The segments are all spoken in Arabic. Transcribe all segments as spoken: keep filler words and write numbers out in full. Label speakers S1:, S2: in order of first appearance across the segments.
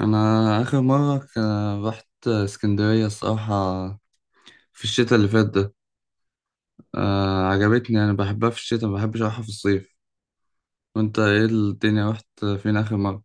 S1: انا اخر مره ك- رحت اسكندريه الصراحه في الشتاء اللي فات ده. آه عجبتني، انا بحبها في الشتاء، ما بحبش اروحها في الصيف. وانت ايه الدنيا، رحت فين اخر مره؟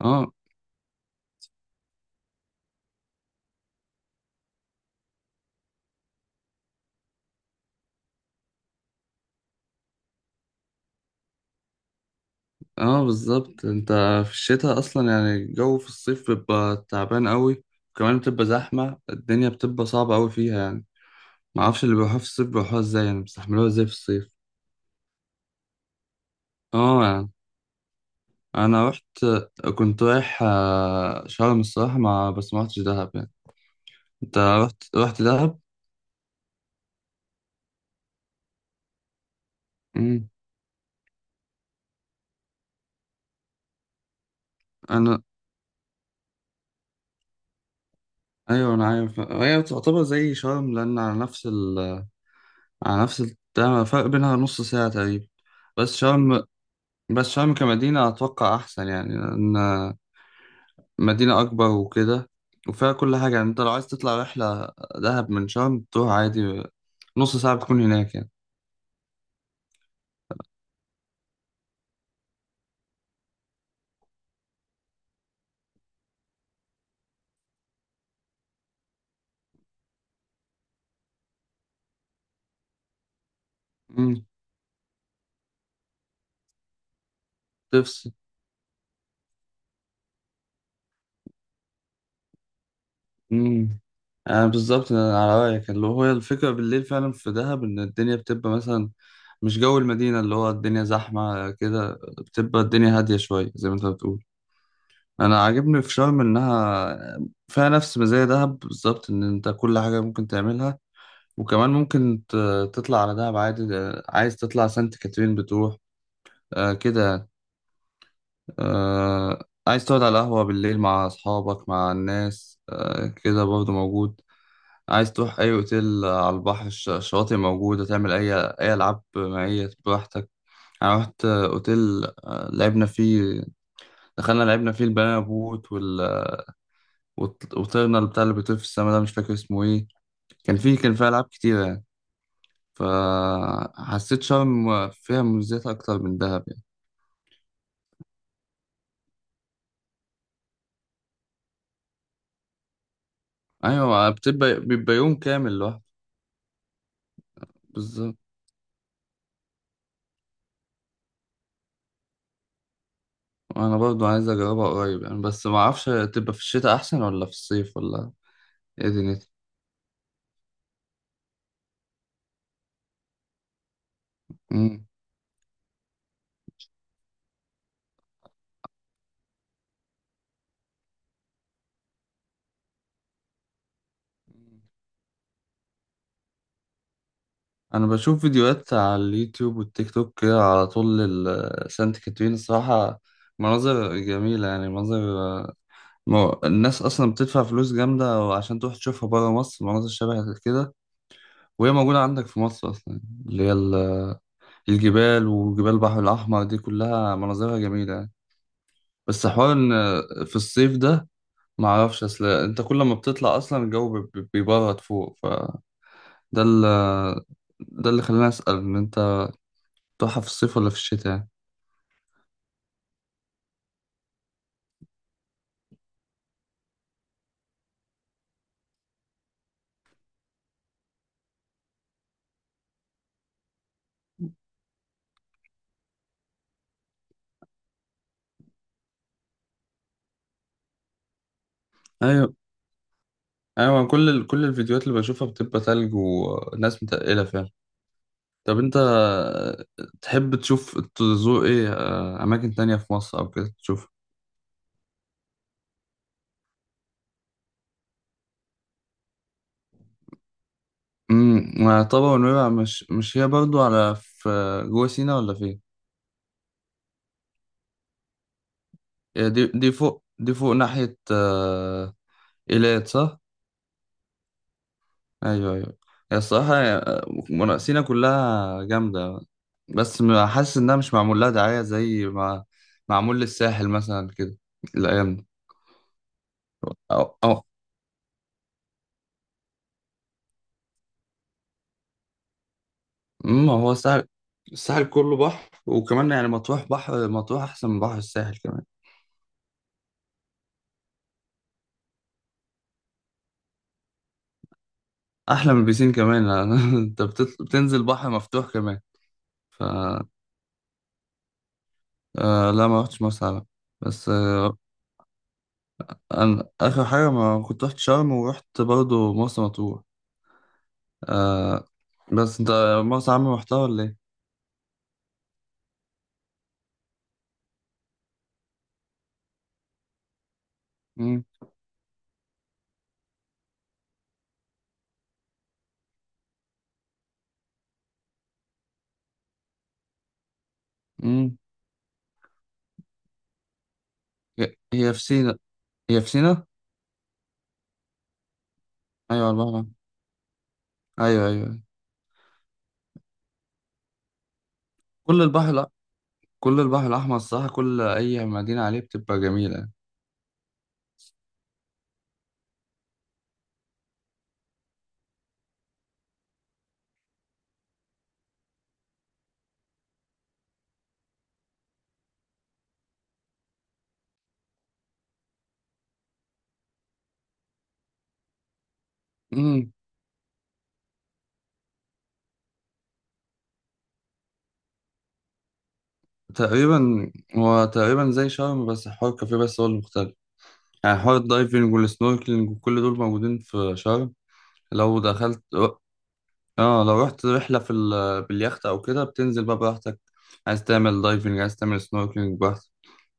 S1: اه اه، بالظبط. انت في الشتاء اصلا يعني الجو في الصيف بيبقى تعبان قوي، وكمان بتبقى زحمه، الدنيا بتبقى صعبه قوي فيها يعني. ما اعرفش اللي بيروحوها في الصيف بيروحوها ازاي، يعني بيستحملوها ازاي في الصيف. اه يعني. انا رحت، كنت رايح آه، شرم الصراحه، ما بس ما رحتش دهب يعني. انت رحت رحت دهب؟ امم انا ايوه، انا عارف، هي تعتبر زي شرم لان على نفس ال على نفس التمن، فرق بينها نص ساعة تقريبا. بس شرم بس شرم كمدينة اتوقع احسن يعني، لان مدينة اكبر وكده وفيها كل حاجة. يعني انت لو عايز تطلع رحلة دهب من شرم تروح عادي، نص ساعة بتكون هناك يعني. امم امم انا بالظبط أنا على رايك، اللي هو الفكره بالليل فعلا في دهب ان الدنيا بتبقى مثلا مش جو المدينه، اللي هو الدنيا زحمه كده، بتبقى الدنيا هاديه شويه زي ما انت بتقول. انا عاجبني في شرم انها فيها نفس مزايا دهب بالظبط، ان انت كل حاجه ممكن تعملها. وكمان ممكن ت- تطلع على دهب عادي، ده- عايز تطلع سانت كاترين بتروح، آه كده يعني. آه، عايز تقعد على قهوه بالليل مع اصحابك مع الناس، آه كده برضه موجود. عايز تروح أي أوتيل على البحر، الش- الشواطئ موجودة، تعمل أي أي ألعاب مائية براحتك. أنا رحت أوتيل، آه، لعبنا فيه، دخلنا لعبنا فيه البنانا بوت وال... وط- وطيرنا بتاع اللي بيطير في السما ده، مش فاكر اسمه إيه. كان فيه كان فيه ألعاب كتيرة يعني. فحسيت شرم فيها مميزات أكتر من دهب يعني. أيوة، بتبقى بيبقى يوم كامل لوحده. بالظبط، أنا برضو عايز أجربها قريب يعني، بس معرفش تبقى في الشتاء أحسن ولا في الصيف، ولا إيه دنيتها؟ مم. انا بشوف فيديوهات على اليوتيوب والتيك توك كده على طول لل- سانت كاترين الصراحة، مناظر جميلة يعني، مناظر. ما- الناس أصلا بتدفع فلوس جامدة عشان تروح تشوفها برا مصر، مناظر شبه كده وهي موجودة عندك في مصر أصلا. اللي هي ال- الجبال وجبال البحر الأحمر دي كلها مناظرها جميلة يعني. بس حوار إن في الصيف ده معرفش، أصل أنت كل ما بتطلع أصلا الجو بي- بيبرد فوق، فده ال- ده اللي خلاني أسأل إن أنت بتروحها في الصيف ولا في الشتاء يعني. ايوه ايوه، كل ال... كل الفيديوهات اللي بشوفها بتبقى تلج وناس متقلة فعلا. طب انت تحب تشوف تزور ايه، آه، اماكن تانية في مصر او كده تشوف. امم وطبعا، ونويبع مش مش هي برضو على، في جوه سينا ولا فين؟ هي دي دي فوق دي فوق ناحية آه، إيلات، صح؟ ايوه ايوه. هي الصراحة آه، من- سينا كلها جامدة. بس م- حاسس انها مش معمول لها دعاية زي ما معمول للساحل مثلا كده الايام دي. أو, أو، ما هو الساحل، الساحل كله بحر وكمان يعني. مطروح بحر، مطروح احسن من بحر الساحل كمان، احلى من البيسين كمان انت بتطل... بتنزل بحر مفتوح كمان. ف آه لا، ما رحتش مرسى علم. بس آه انا اخر حاجه ما كنت رحت شرم، ورحت برضه مرسى مطروح. آه بس انت مرسى علم رحتها ولا ايه؟ مم. مم. هي هي في سينا هي في سينا. ايوه على البحر الأحمر. ايوه ايوه، كل البحر، لا، كل البحر الاحمر الصراحه، كل اي مدينه عليه بتبقى جميله. تقريبا هو تقريبا زي شرم، بس حوار الكافيه بس هو اللي مختلف. يعني حوار الدايفنج والسنوركلينج وكل دول موجودين في شرم. لو دخلت اه، لو رحت رحلة في ال... باليخت او كده، بتنزل بقى براحتك، عايز تعمل دايفنج عايز تعمل سنوركلينج براحتك.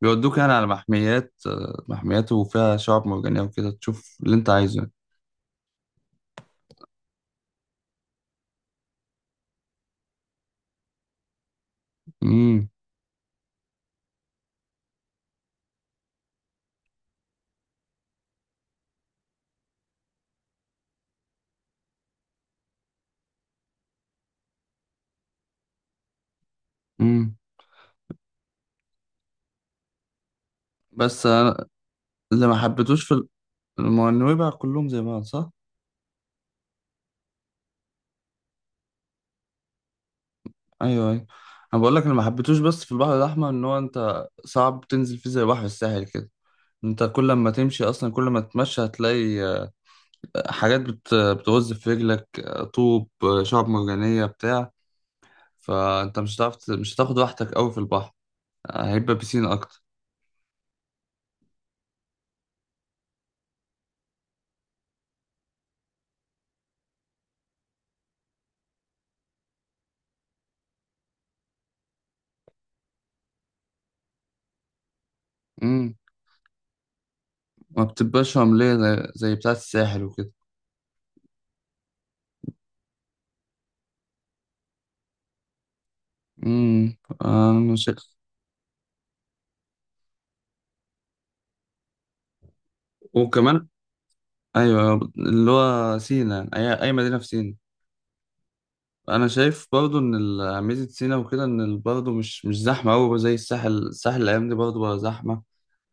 S1: بيودوك يعني على محميات، آه، محميات وفيها شعاب مرجانية وكده تشوف اللي انت عايزه يعني. امم امم، بس أنا اللي ما حبيتوش في ال- ما هو النويبع كلهم زي بعض صح؟ ايوه ايوه، انا بقول لك، انا ما حبيتوش بس في البحر الاحمر، ان هو انت صعب تنزل فيه زي بحر الساحل كده. انت كل ما تمشي اصلا، كل ما تتمشى هتلاقي آه، حاجات بت- بتغز في رجلك، آه، طوب، آه، شعب مرجانيه بتاع. فانت مش هتعرف ت- مش هتاخد راحتك قوي في البحر، آه، هيبقى بيسين اكتر. امم ما بتبقاش رمليه زي زي بتاعه الساحل وكده. امم. انا مش. وكمان، ايوه، اللي هو سينا اي اي مدينه في سينا، انا شايف برضو ان ال- ميزة سينا وكده ان ال- برضو مش مش زحمة قوي زي الساحل. الساحل الايام دي برضو بقى زحمة،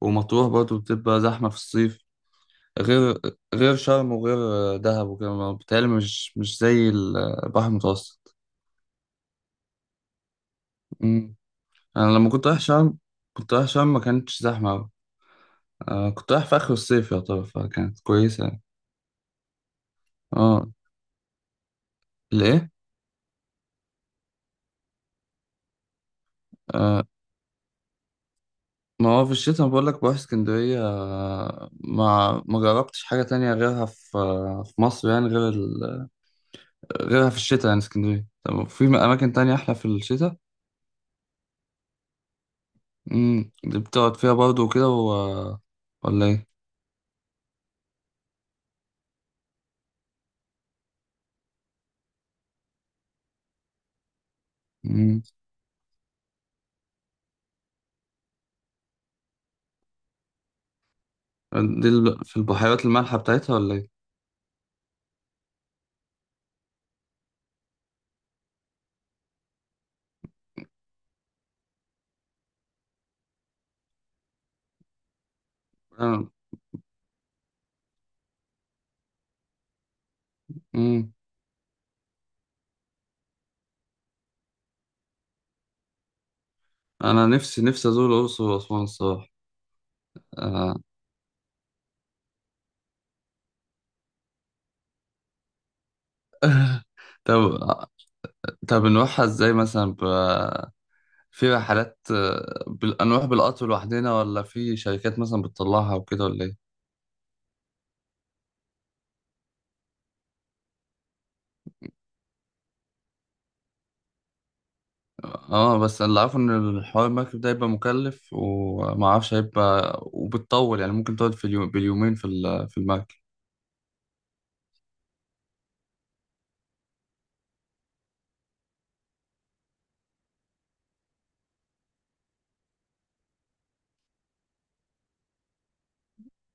S1: ومطروح برضو بتبقى زحمة في الصيف. غير غير شرم وغير دهب وكده، ما- بيتهيألي مش مش زي البحر المتوسط. أمم. انا لما كنت رايح شرم، كنت رايح شرم ما كانتش زحمة قوي، آه كنت رايح في اخر الصيف يعتبر، فكانت كويسة يعني. اه، الايه؟ ما هو في الشتاء بقول لك بروح اسكندرية، ما ما جربتش حاجة تانية غيرها في في مصر، يعني غير ال... غيرها في الشتاء، يعني اسكندرية. طب في أماكن تانية أحلى في الشتاء؟ امم دي بتقعد فيها برضه وكده و... ولا إيه؟ امم دي ال- في البحيرات المالحة بتاعتها ولا إيه؟ أنا... امم. أنا نفسي نفسي أزور الأقصر وأسوان الصراحة. آه. طب طب نروحها إزاي مثلا ب... في رحلات، آه، بال- نروح بالقطر لوحدنا ولا في شركات مثلا بتطلعها وكده، ولا ايه؟ اه بس اللي عارفه ان الحوار المركب ده هيبقى مكلف، ومعرفش هيبقى وبتطول، يعني ممكن تقعد في اليوم باليومين في ال- في المركب.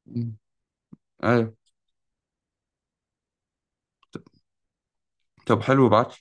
S1: مم. ايوه. طب حلو، ابعت.